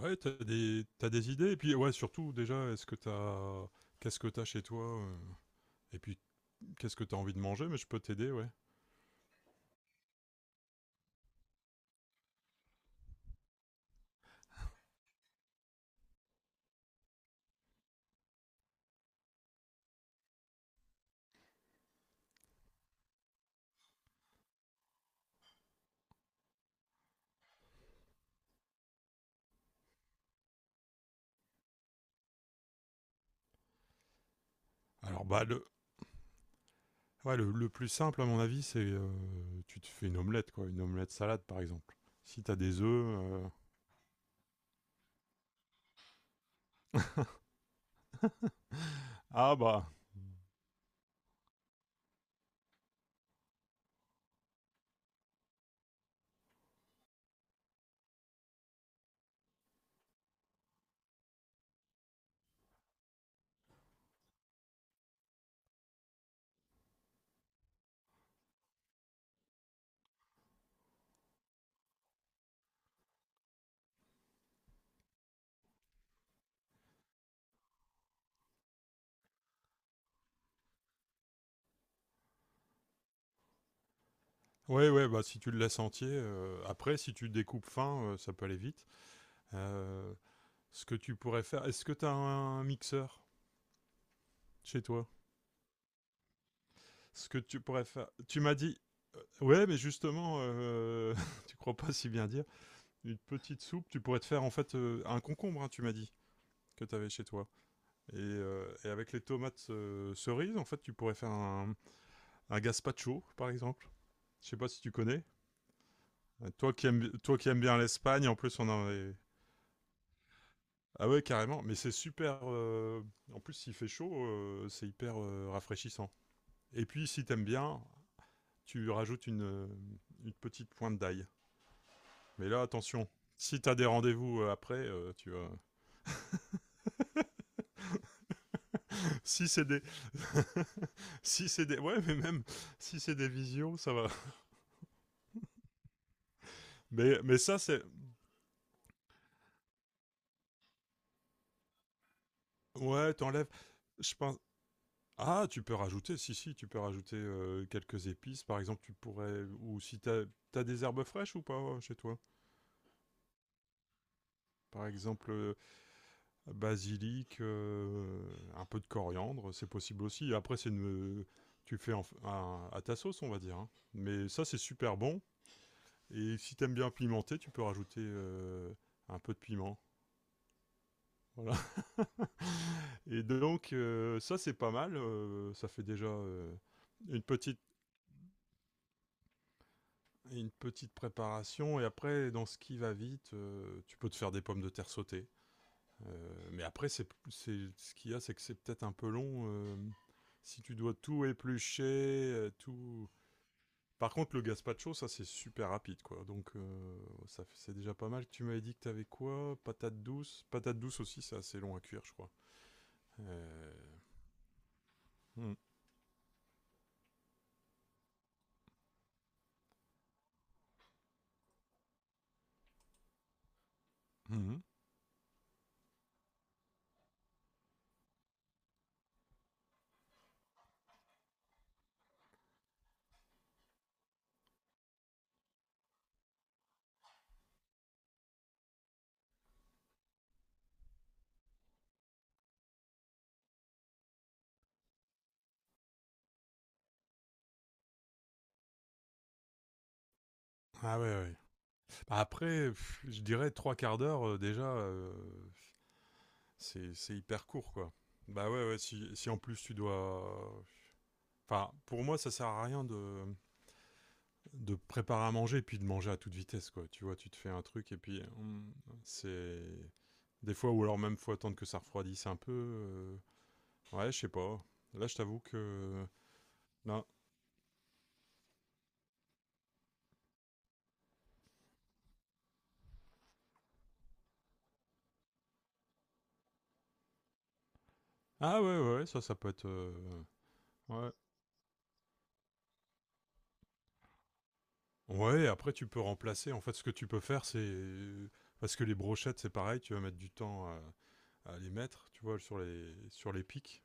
Ouais, t'as des idées. Et puis, ouais, surtout, déjà, est-ce que t'as. Qu'est-ce que t'as chez toi et puis, qu'est-ce que t'as envie de manger? Mais je peux t'aider, ouais. Alors, bah, ouais, le plus simple, à mon avis, c'est tu te fais une omelette, quoi. Une omelette salade, par exemple. Si t'as des œufs. euh, Ah, bah. Ouais, ouais, bah, si tu le laisses entier. Après, si tu découpes fin, ça peut aller vite. Euh, Ce que tu pourrais faire. Est-ce que t'as un mixeur chez toi? Ce que tu pourrais faire. Tu m'as dit. Ouais, mais justement, tu crois pas si bien dire. Une petite soupe, tu pourrais te faire en fait un concombre, hein, tu m'as dit, que tu avais chez toi. Et avec les tomates cerises, en fait, tu pourrais faire un gazpacho, par exemple. Je sais pas si tu connais. Toi qui aimes bien l'Espagne, en plus, on en avait... Ah ouais, carrément. Mais c'est super... en plus, s'il fait chaud, c'est hyper rafraîchissant. Et puis, si t'aimes bien, tu rajoutes une petite pointe d'ail. Mais là, attention, si t'as des rendez-vous après, tu vois. Si c'est des. Si c'est des. Ouais, mais même si c'est des visios, ça va. Mais ça, c'est. Ouais, t'enlèves. Je pense. Ah, tu peux rajouter, si, si, tu peux rajouter quelques épices. Par exemple, tu pourrais. Ou si t'as des herbes fraîches ou pas chez toi? Par exemple, basilic, un peu de coriandre, c'est possible aussi. Après, c'est une. Tu fais en- un- à ta sauce, on va dire, hein. Mais ça, c'est super bon. Et si t'aimes bien pimenter, tu peux rajouter un peu de piment. Voilà. Et donc, ça, c'est pas mal. Ça fait déjà une petite une petite préparation et après dans ce qui va vite tu peux te faire des pommes de terre sautées. Mais après c'est ce qu'il y a c'est que c'est peut-être un peu long si tu dois tout éplucher tout. Par contre, le gazpacho, ça c'est super rapide quoi. Donc ça c'est déjà pas mal. Tu m'avais dit que t'avais quoi? Patate douce. Patate douce aussi, c'est assez long à cuire, je crois. Euh, hmm. Mhm. Ah ouais, ouais. Après, pff, je dirais trois quarts d'heure déjà, c'est hyper court quoi. Bah ouais, ouais. Si, si en plus tu dois, enfin, pour moi, ça sert à rien de préparer à manger et puis de manger à toute vitesse quoi. Tu vois, tu te fais un truc et puis c'est des fois ou alors même faut attendre que ça refroidisse un peu. Ouais, je sais pas. Là, je t'avoue que non. Ah ouais ouais, ouais, ça ça peut être ouais. Ouais, après tu peux remplacer. En fait, ce que tu peux faire c'est parce que les brochettes c'est pareil, tu vas mettre du temps à les mettre, tu vois, sur les pics.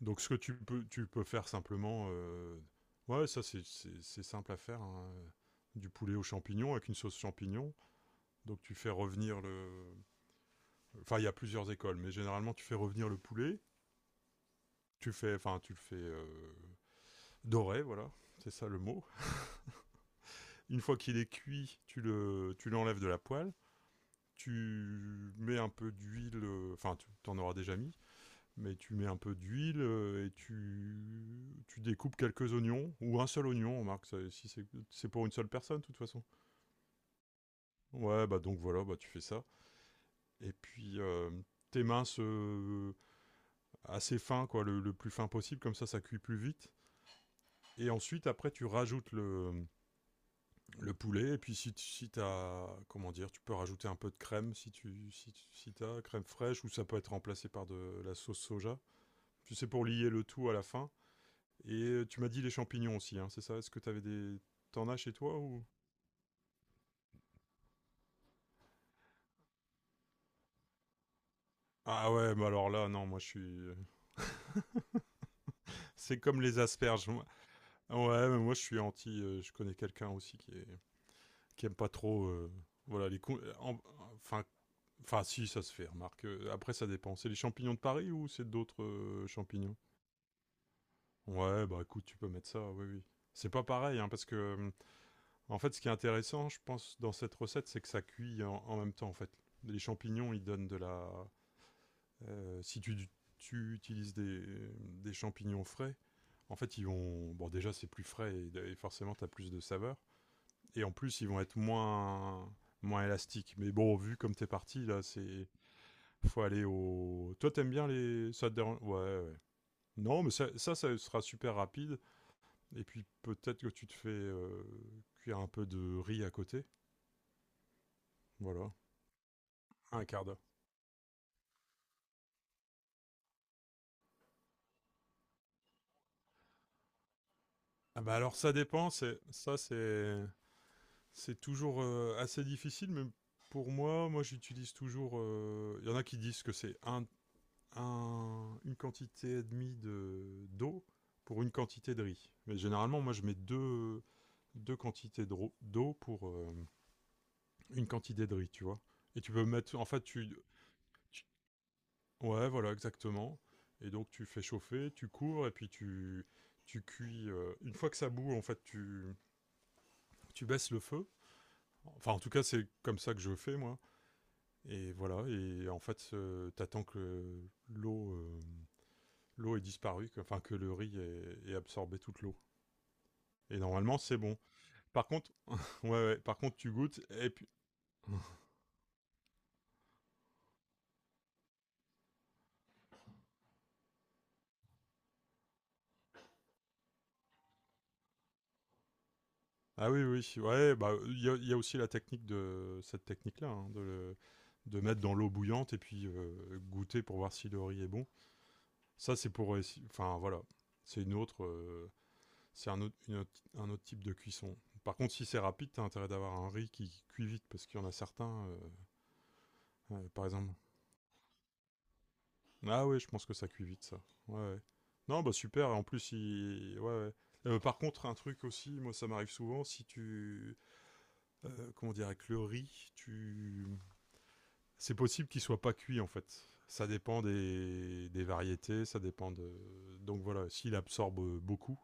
Donc ce que tu peux faire simplement, ouais, ça c'est simple à faire, hein. Du poulet aux champignons avec une sauce champignon. Donc tu fais revenir le, enfin il y a plusieurs écoles, mais généralement tu fais revenir le poulet. Tu fais, enfin tu le fais doré, voilà, c'est ça le mot. Une fois qu'il est cuit, tu l'enlèves de la poêle. Tu mets un peu d'huile, enfin tu en auras déjà mis, mais tu mets un peu d'huile et tu découpes quelques oignons, ou un seul oignon, on marque, si c'est pour une seule personne, de toute façon. Ouais, bah donc voilà, bah tu fais ça. Et puis, tes minces assez fins, quoi, le plus fin possible, comme ça cuit plus vite. Et ensuite, après, tu rajoutes le poulet, et puis si, si t'as, comment dire, tu peux rajouter un peu de crème, si tu si, si t'as crème fraîche, ou ça peut être remplacé par de la sauce soja. Tu sais, pour lier le tout à la fin. Et tu m'as dit les champignons aussi, hein, c'est ça? Est-ce que t'avais des... T'en as chez toi ou? Ah ouais, mais alors là, non, moi je suis... C'est comme les asperges, moi. Ah ouais, mais moi je suis anti... je connais quelqu'un aussi qui est... qui aime pas trop... voilà, les... con- en- enfin... Enfin, si, ça se fait, remarque. Après, ça dépend. C'est les champignons de Paris ou c'est d'autres champignons? Ouais, bah écoute, tu peux mettre ça, oui, oui. C'est pas pareil, hein, parce que... en fait, ce qui est intéressant, je pense, dans cette recette, c'est que ça cuit en, en même temps, en fait. Les champignons, ils donnent de la... si tu utilises des champignons frais, en fait, ils vont. Bon, déjà, c'est plus frais et forcément, tu as plus de saveur. Et en plus, ils vont être moins, moins élastiques. Mais bon, vu comme t'es parti, là, c'est. Faut aller au. Toi, t'aimes bien les. Ça te dérange. Ouais, ouais. Non, mais ça, ça sera super rapide. Et puis, peut-être que tu te fais cuire un peu de riz à côté. Voilà. Un quart d'heure. Ah bah alors ça dépend, c'est ça c'est toujours assez difficile, mais pour moi, j'utilise toujours. Il y en a qui disent que c'est une quantité et demie d'eau pour une quantité de riz. Mais généralement, moi je mets deux quantités d'eau pour une quantité de riz, tu vois. Et tu peux mettre. En fait, tu- ouais, voilà, exactement. Et donc tu fais chauffer, tu cours, et puis tu cuis. Une fois que ça bout, en fait, tu baisses le feu. Enfin, en tout cas, c'est comme ça que je fais, moi. Et voilà, et en fait, t'attends que l'eau euh, l'eau ait disparu, que, enfin que le ait absorbé toute l'eau. Et normalement, c'est bon. Par contre, ouais, ouais, par contre, tu goûtes et puis ah oui, oui, ouais, bah il y a aussi la technique de cette technique-là, hein, de mettre dans l'eau bouillante et puis goûter pour voir si le riz est bon. Ça, c'est pour, enfin voilà, c'est c'est un autre, un autre type de cuisson. Par contre, si c'est rapide, t'as intérêt d'avoir un riz qui cuit vite parce qu'il y en a certains. Par exemple. Ah ouais, je pense que ça cuit vite, ça. Ouais, ouais. Non, bah super, en plus, il... ouais, ouais. Par contre, un truc aussi, moi ça m'arrive souvent, si tu... comment dire, avec le riz, tu... C'est possible qu'il soit pas cuit en fait. Ça dépend des variétés, ça dépend de... Donc voilà, s'il absorbe beaucoup.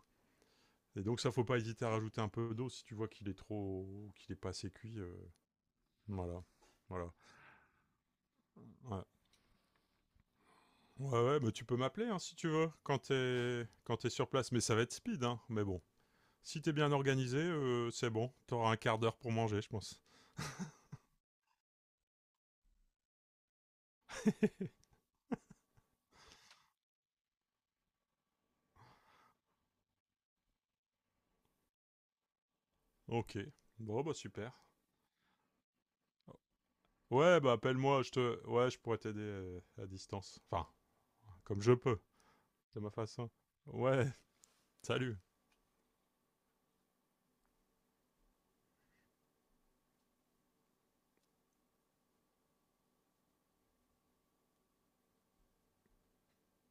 Et donc ça, faut pas hésiter à rajouter un peu d'eau si tu vois qu'il est trop... qu'il est pas assez cuit. Voilà. Voilà. Ouais. Ouais, ouais, bah tu peux m'appeler hein, si tu veux, quand t'es sur place, mais ça va être speed, hein. Mais bon, si t'es bien organisé, c'est bon. T'auras un quart d'heure pour manger, je pense. Ok. Bon, bah super. Ouais, bah appelle-moi, ouais, je pourrais t'aider à distance. Enfin, comme je peux, de ma façon. Ouais, salut.